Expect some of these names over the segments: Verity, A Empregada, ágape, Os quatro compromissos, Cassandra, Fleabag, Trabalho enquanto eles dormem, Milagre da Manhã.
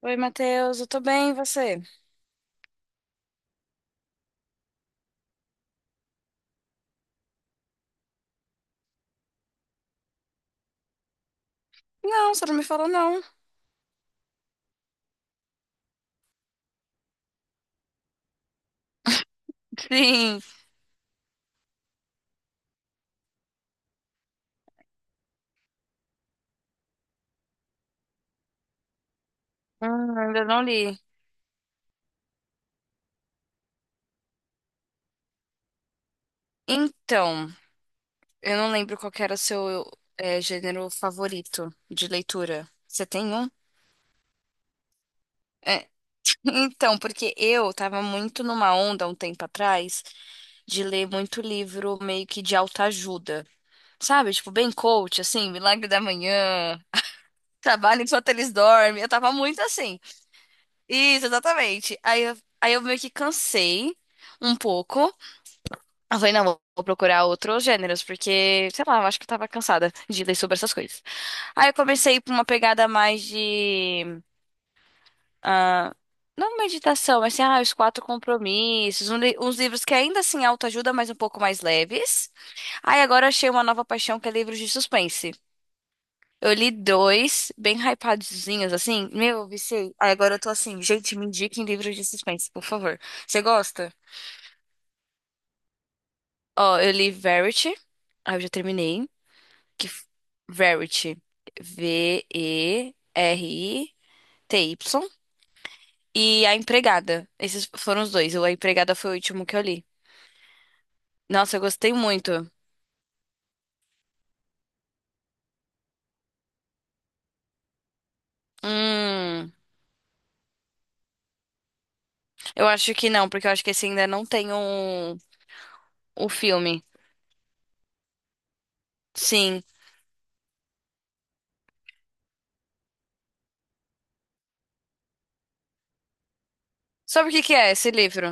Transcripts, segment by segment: Oi, Matheus, eu tô bem, e você? Não, você não me falou não. Sim. Ainda não li. Então, eu não lembro qual que era o seu gênero favorito de leitura. Você tem um? É. Então, porque eu tava muito numa onda um tempo atrás de ler muito livro meio que de autoajuda, sabe? Tipo, bem coach, assim, Milagre da Manhã, Trabalho enquanto eles dormem. Eu tava muito assim. Isso, exatamente. Aí eu meio que cansei um pouco. Eu falei, não, vou procurar outros gêneros, porque, sei lá, eu acho que eu tava cansada de ler sobre essas coisas. Aí eu comecei por uma pegada mais de ah, não meditação, mas assim, os quatro compromissos, uns livros que ainda assim autoajuda, mas um pouco mais leves. Aí agora eu achei uma nova paixão que é livros de suspense. Eu li dois, bem hypadozinhos, assim. Meu, eu viciei. Aí agora eu tô assim, gente, me indiquem livros de suspense, por favor. Você gosta? Ó, eu li Verity. Aí eu já terminei. que f- Verity, Verity, e RITY, e A Empregada. Esses foram os dois. O A Empregada foi o último que eu li. Nossa, eu gostei muito. Hum, eu acho que não, porque eu acho que esse ainda não tem o filme. Sim. Sabe o que que é esse livro?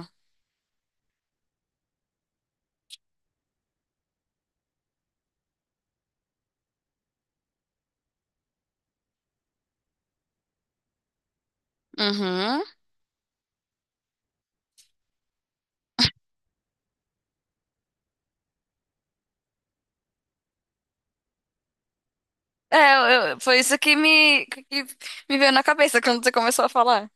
Uhum. É, foi isso que me veio na cabeça quando você começou a falar.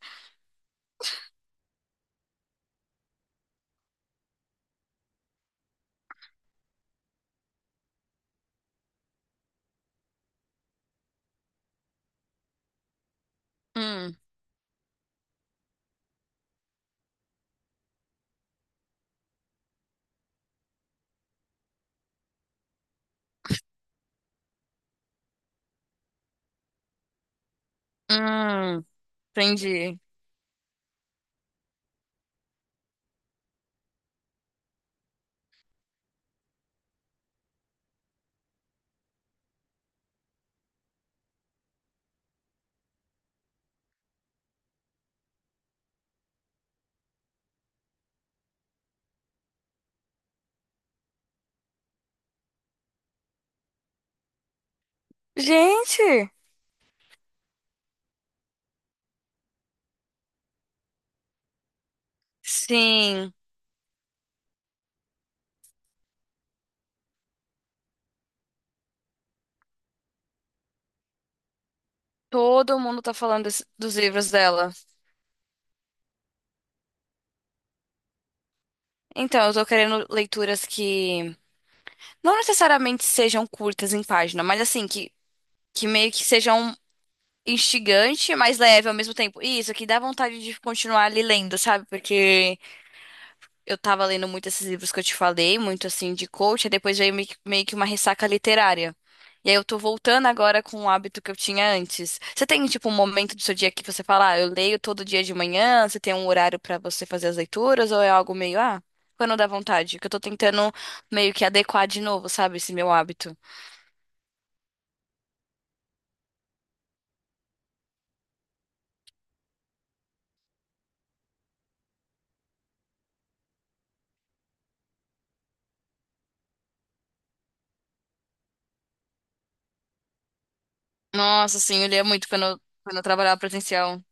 Hum, hum, entendi. Gente! Sim. Todo mundo tá falando dos livros dela. Então, eu tô querendo leituras que não necessariamente sejam curtas em página, mas assim, que meio que sejam instigante, mas leve ao mesmo tempo. E isso, que dá vontade de continuar ali lendo, sabe? Porque eu tava lendo muito esses livros que eu te falei, muito assim de coach, aí depois veio meio que uma ressaca literária. E aí eu tô voltando agora com o hábito que eu tinha antes. Você tem, tipo, um momento do seu dia que você fala, eu leio todo dia de manhã, você tem um horário pra você fazer as leituras, ou é algo meio, quando dá vontade? Que eu tô tentando meio que adequar de novo, sabe, esse meu hábito. Nossa, sim eu lia muito quando eu trabalhava presencial.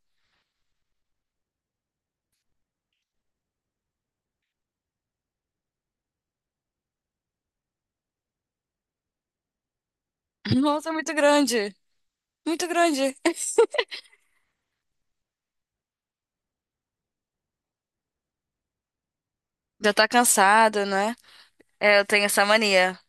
Nossa, é muito grande, muito grande. Já tá cansado, né? É, eu tenho essa mania.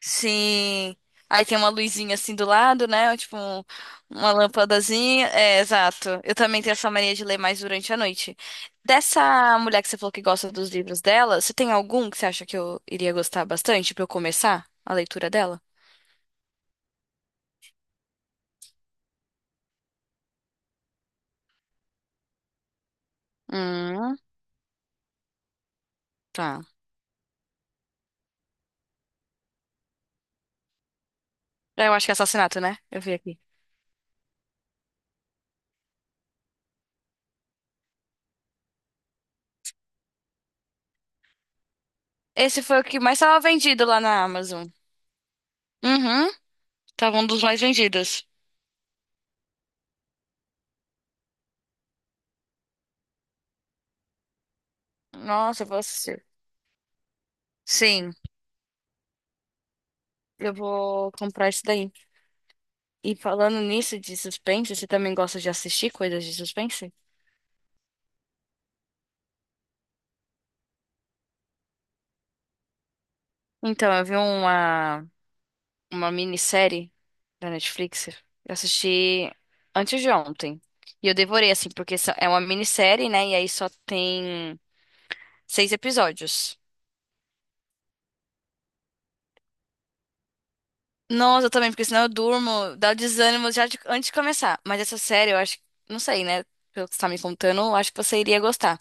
Sim. Aí tem uma luzinha assim do lado, né? Tipo, uma lâmpadazinha. É, exato. Eu também tenho essa mania de ler mais durante a noite. Dessa mulher que você falou que gosta dos livros dela, você tem algum que você acha que eu iria gostar bastante pra eu começar a leitura dela? Hum, tá. Eu acho que é assassinato, né? Eu vi aqui. Esse foi o que mais estava vendido lá na Amazon. Uhum. Tava um dos mais vendidos. Nossa, eu vou assistir. Sim, eu vou comprar esse daí. E falando nisso de suspense, você também gosta de assistir coisas de suspense? Então, eu vi uma minissérie da Netflix. Eu assisti antes de ontem. E eu devorei, assim, porque é uma minissérie, né? E aí só tem seis episódios. Nossa, eu também, porque senão eu durmo, dá o desânimo já antes de começar. Mas essa série, eu acho, não sei, né? Pelo que você tá me contando, eu acho que você iria gostar.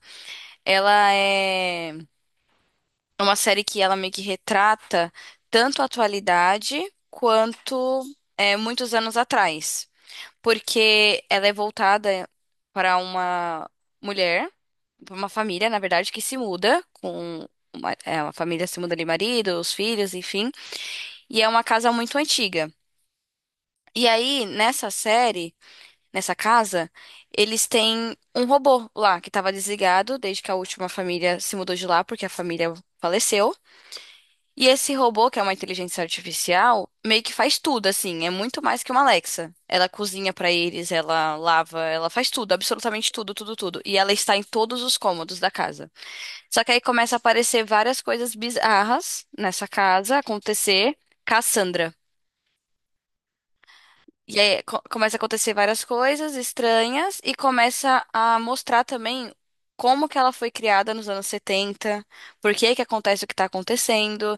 Ela é. É uma série que ela meio que retrata tanto a atualidade quanto muitos anos atrás, porque ela é voltada para uma mulher, para uma família, na verdade, que se muda com uma família se muda de marido, os filhos, enfim, e é uma casa muito antiga. E aí, nessa série, nessa casa, eles têm um robô lá que estava desligado desde que a última família se mudou de lá, porque a família faleceu. E esse robô, que é uma inteligência artificial, meio que faz tudo, assim, é muito mais que uma Alexa. Ela cozinha pra eles, ela lava, ela faz tudo, absolutamente tudo, tudo, tudo. E ela está em todos os cômodos da casa. Só que aí começa a aparecer várias coisas bizarras nessa casa, acontecer. Cassandra. E aí começa a acontecer várias coisas estranhas e começa a mostrar também como que ela foi criada nos anos 70, por que que acontece o que está acontecendo.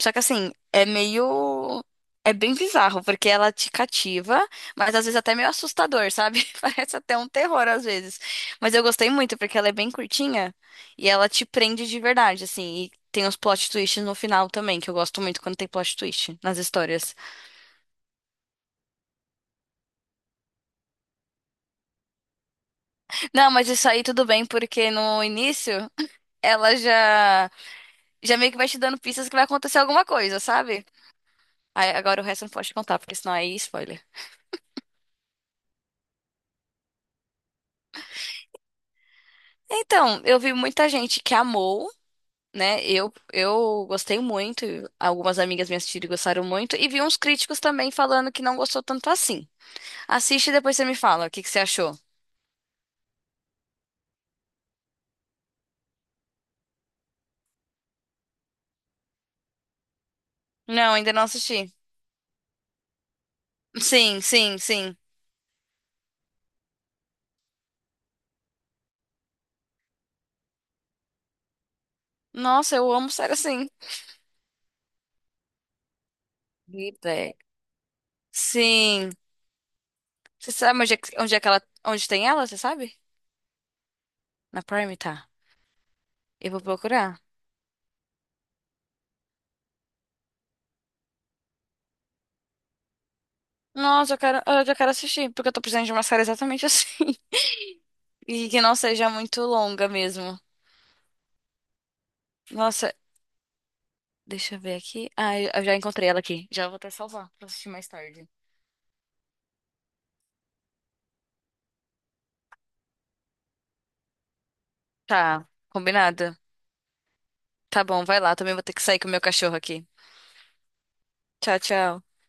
Só que assim, é meio. É bem bizarro, porque ela te cativa, mas às vezes até meio assustador, sabe? Parece até um terror às vezes. Mas eu gostei muito, porque ela é bem curtinha e ela te prende de verdade, assim. E tem os plot twists no final também, que eu gosto muito quando tem plot twist nas histórias. Não, mas isso aí tudo bem, porque no início ela já meio que vai te dando pistas que vai acontecer alguma coisa, sabe? Aí, agora o resto eu não pode contar, porque senão aí é spoiler. Então, eu vi muita gente que amou, né? Eu gostei muito, algumas amigas me assistiram e gostaram muito, e vi uns críticos também falando que não gostou tanto assim. Assiste e depois você me fala o que que você achou. Não, ainda não assisti. Sim, sim, sim. Nossa, eu amo série assim. Fleabag. Sim. Você sabe onde é, onde é que ela, onde tem ela, você sabe? Na Prime, tá. Eu vou procurar. Nossa, eu quero, eu já quero assistir, porque eu tô precisando de uma série exatamente assim. E que não seja muito longa mesmo. Nossa, deixa eu ver aqui. Ah, eu já encontrei ela aqui. Já vou até salvar pra assistir mais tarde. Tá, combinado. Tá bom, vai lá. Também vou ter que sair com o meu cachorro aqui. Tchau, tchau.